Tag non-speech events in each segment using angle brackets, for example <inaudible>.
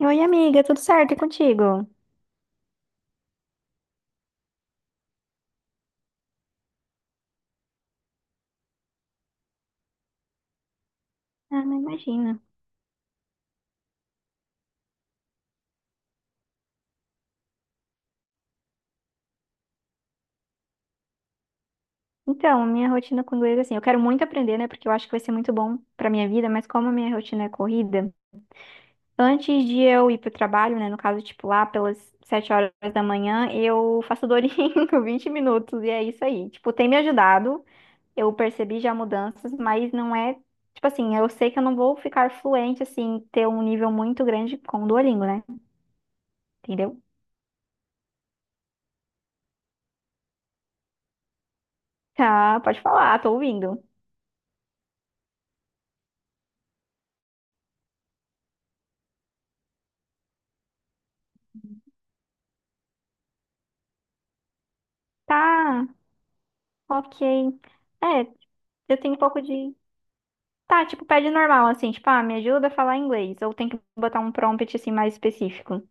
Oi, amiga, tudo certo? E contigo? Ah, não imagina. Então, a minha rotina com inglês, assim, eu quero muito aprender, né? Porque eu acho que vai ser muito bom pra minha vida, mas como a minha rotina é corrida, antes de eu ir pro trabalho, né? No caso, tipo, lá pelas sete horas da manhã, eu faço dorinho <laughs> 20 minutos, e é isso aí. Tipo, tem me ajudado, eu percebi já mudanças, mas não é. Tipo assim, eu sei que eu não vou ficar fluente, assim, ter um nível muito grande com o Duolingo, né? Entendeu? Tá, pode falar, tô ouvindo. Tá. Ok. É, eu tenho um pouco de. Tá, tipo, pede normal, assim, tipo, ah, me ajuda a falar inglês. Ou tem que botar um prompt, assim, mais específico.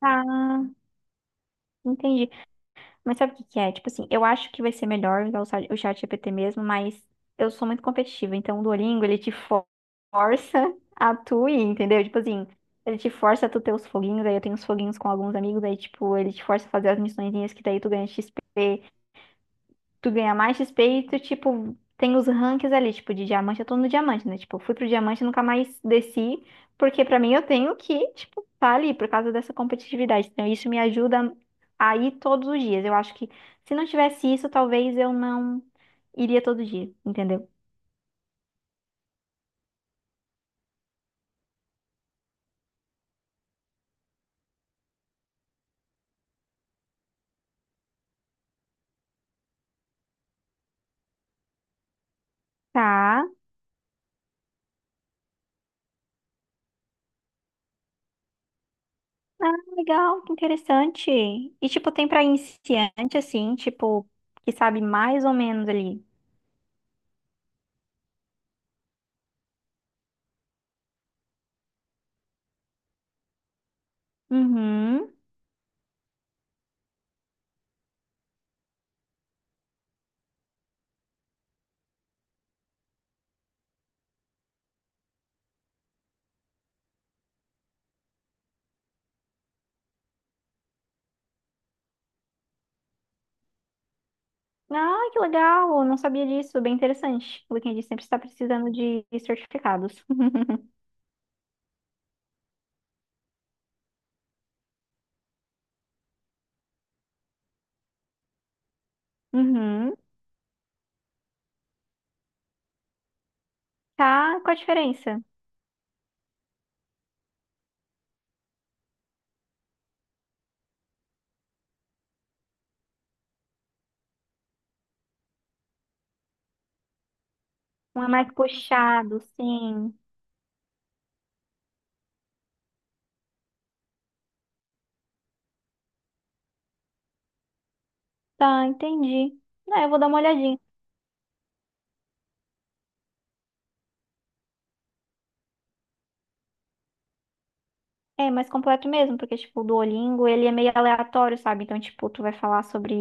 Ah, entendi. Mas sabe o que que é? Tipo assim, eu acho que vai ser melhor usar o chat GPT mesmo, mas eu sou muito competitiva, então o Duolingo, ele te força a tu ir, entendeu? Tipo assim, ele te força a tu ter os foguinhos, aí eu tenho os foguinhos com alguns amigos, aí tipo, ele te força a fazer as missõezinhas que daí tu ganha XP. Tu ganha mais XP e tu, tipo, tem os ranks ali, tipo, de diamante, eu tô no diamante, né? Tipo, eu fui pro diamante e nunca mais desci, porque pra mim eu tenho que, tipo, tá ali por causa dessa competitividade. Então, isso me ajuda a ir todos os dias. Eu acho que se não tivesse isso, talvez eu não iria todo dia, entendeu? Tá. Ah, legal, que interessante. E, tipo, tem pra iniciante, assim, tipo, que sabe mais ou menos ali. Uhum. Ah, que legal! Eu não sabia disso, bem interessante. O LinkedIn sempre está precisando de certificados. <laughs> Uhum. Tá, qual a diferença? Um é mais puxado, sim. Tá, entendi. Não, eu vou dar uma olhadinha. É mais completo mesmo, porque, tipo, o Duolingo, ele é meio aleatório, sabe? Então, tipo, tu vai falar sobre...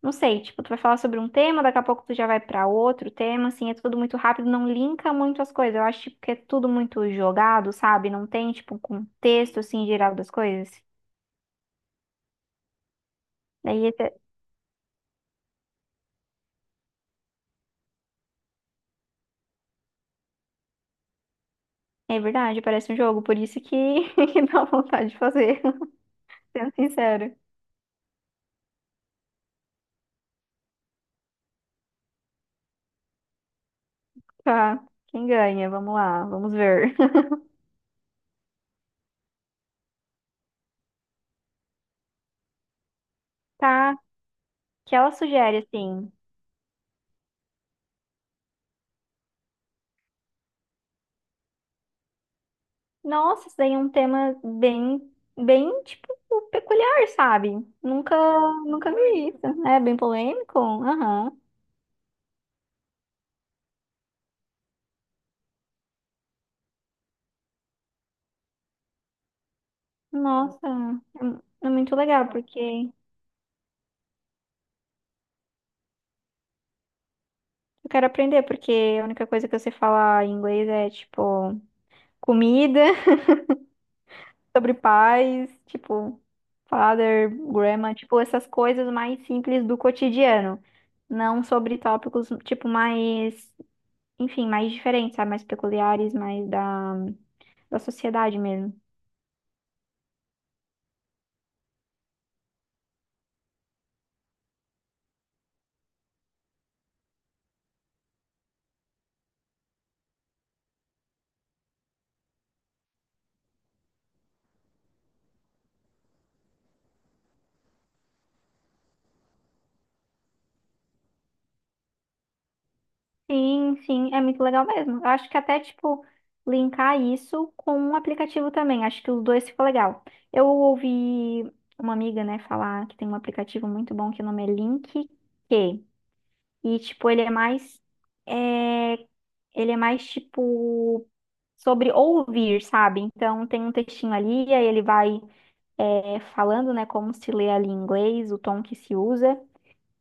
Não sei, tipo, tu vai falar sobre um tema, daqui a pouco tu já vai pra outro tema, assim, é tudo muito rápido, não linka muito as coisas. Eu acho, tipo, que é tudo muito jogado, sabe? Não tem, tipo, um contexto, assim, geral das coisas. Daí até- É verdade, parece um jogo, por isso que <laughs> que dá vontade de fazer, <laughs> sendo sincero. Tá, quem ganha? Vamos lá, vamos ver. <laughs> Tá, que ela sugere assim. Nossa, isso daí é um tema bem, bem, tipo, peculiar, sabe? Nunca, nunca vi isso. É bem polêmico? Aham. Nossa, é, é muito legal, porque eu quero aprender, porque a única coisa que eu sei falar em inglês é, tipo, comida sobre pais, tipo, father, grandma, tipo, essas coisas mais simples do cotidiano. Não sobre tópicos, tipo, mais, enfim, mais diferentes, sabe? Mais peculiares, mais da, da sociedade mesmo. Sim, sim, é muito legal mesmo. Eu acho que até, tipo, linkar isso com um aplicativo também. Acho que os dois ficou legal. Eu ouvi uma amiga, né, falar que tem um aplicativo muito bom que o nome é Link Q. E, tipo, ele é mais. é, Ele é mais, tipo, sobre ouvir, sabe? Então, tem um textinho ali, aí ele vai falando, né, como se lê ali em inglês, o tom que se usa.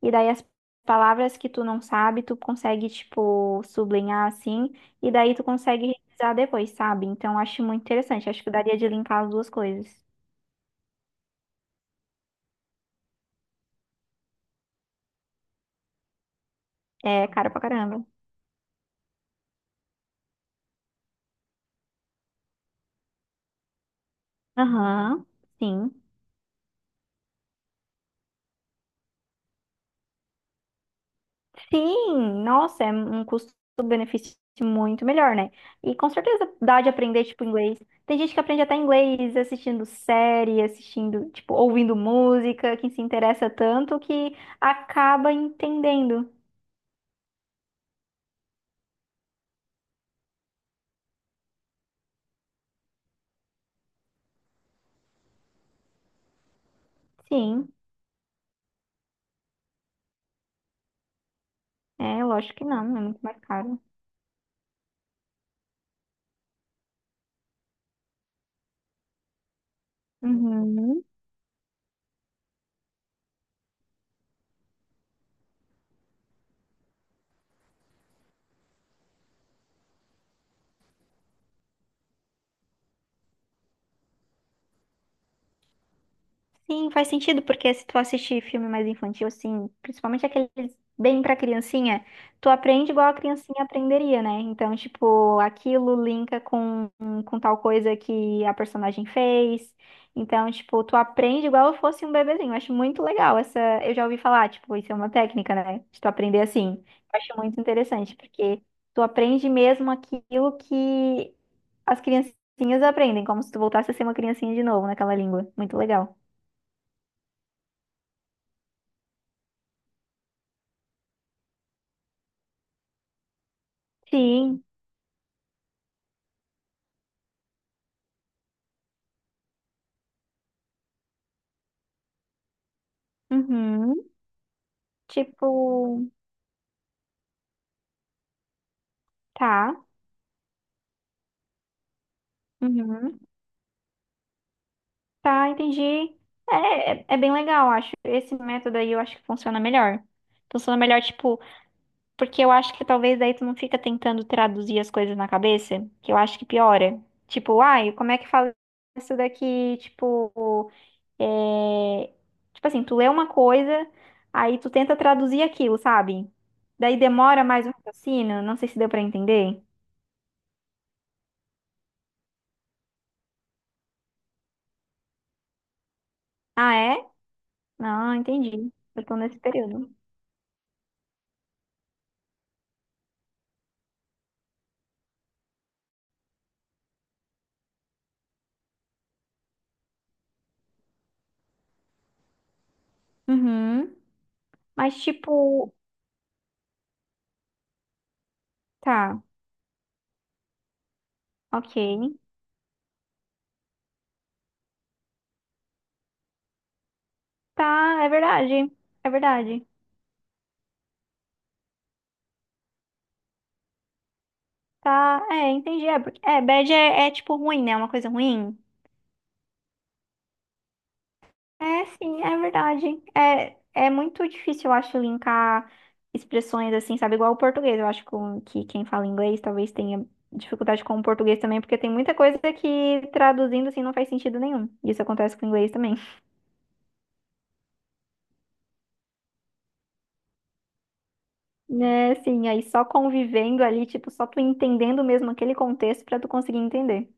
E daí as palavras que tu não sabe, tu consegue, tipo, sublinhar assim. E daí tu consegue revisar depois, sabe? Então, acho muito interessante. Acho que daria de linkar as duas coisas. É, cara pra caramba. Aham, sim. Sim, nossa, é um custo-benefício muito melhor, né? E com certeza dá de aprender, tipo, inglês. Tem gente que aprende até inglês assistindo série, assistindo, tipo, ouvindo música, que se interessa tanto que acaba entendendo. Sim, é, lógico que não, é muito mais caro. Uhum. Sim, faz sentido, porque se tu assistir filme mais infantil, assim, principalmente aqueles bem pra criancinha, tu aprende igual a criancinha aprenderia, né? Então, tipo, aquilo linka com tal coisa que a personagem fez. Então, tipo, tu aprende igual eu fosse um bebezinho. Eu acho muito legal essa. Eu já ouvi falar, tipo, isso é uma técnica, né? De tu aprender assim. Eu acho muito interessante, porque tu aprende mesmo aquilo que as criancinhas aprendem, como se tu voltasse a ser uma criancinha de novo naquela língua. Muito legal. Sim. Uhum. Tipo, tá. Uhum. Tá, entendi. É, é, é bem legal, eu acho. Esse método aí eu acho que funciona melhor. Funciona melhor, tipo, porque eu acho que talvez daí tu não fica tentando traduzir as coisas na cabeça, que eu acho que piora. Tipo, ai, como é que fala isso daqui? Tipo, é... tipo assim, tu lê uma coisa, aí tu tenta traduzir aquilo, sabe? Daí demora mais um raciocínio, não sei se deu pra entender. Ah, é? Ah, entendi. Eu tô nesse período. Uhum. Mas, tipo, tá, ok. Tá, é verdade. É verdade. Tá, é, entendi. É, porque- é bad é, é, tipo ruim, né? Uma coisa ruim. É, sim, é verdade. É, é muito difícil, eu acho, linkar expressões assim, sabe? Igual o português. Eu acho que quem fala inglês talvez tenha dificuldade com o português também, porque tem muita coisa que traduzindo assim não faz sentido nenhum. Isso acontece com o inglês também. Né, sim, aí só convivendo ali, tipo, só tu entendendo mesmo aquele contexto pra tu conseguir entender.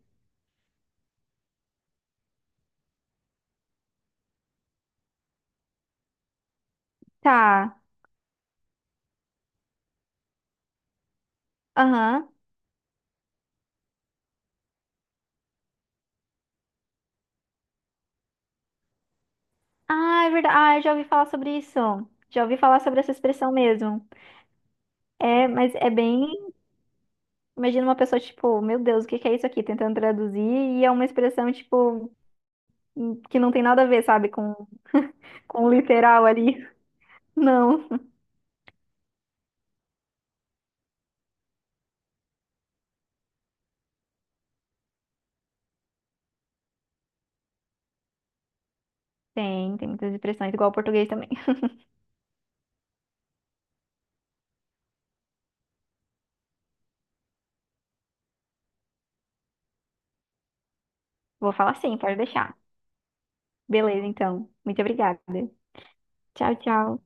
Tá. Aham. Ah, é verdade. Ah, eu já ouvi falar sobre isso. Já ouvi falar sobre essa expressão mesmo. É, mas é bem. Imagina uma pessoa, tipo, meu Deus, o que que é isso aqui? Tentando traduzir, e é uma expressão, tipo, que não tem nada a ver, sabe, com o literal ali. <laughs> Não. Tem, tem muitas expressões, igual o português também. Vou falar sim, pode deixar. Beleza, então. Muito obrigada. Tchau, tchau.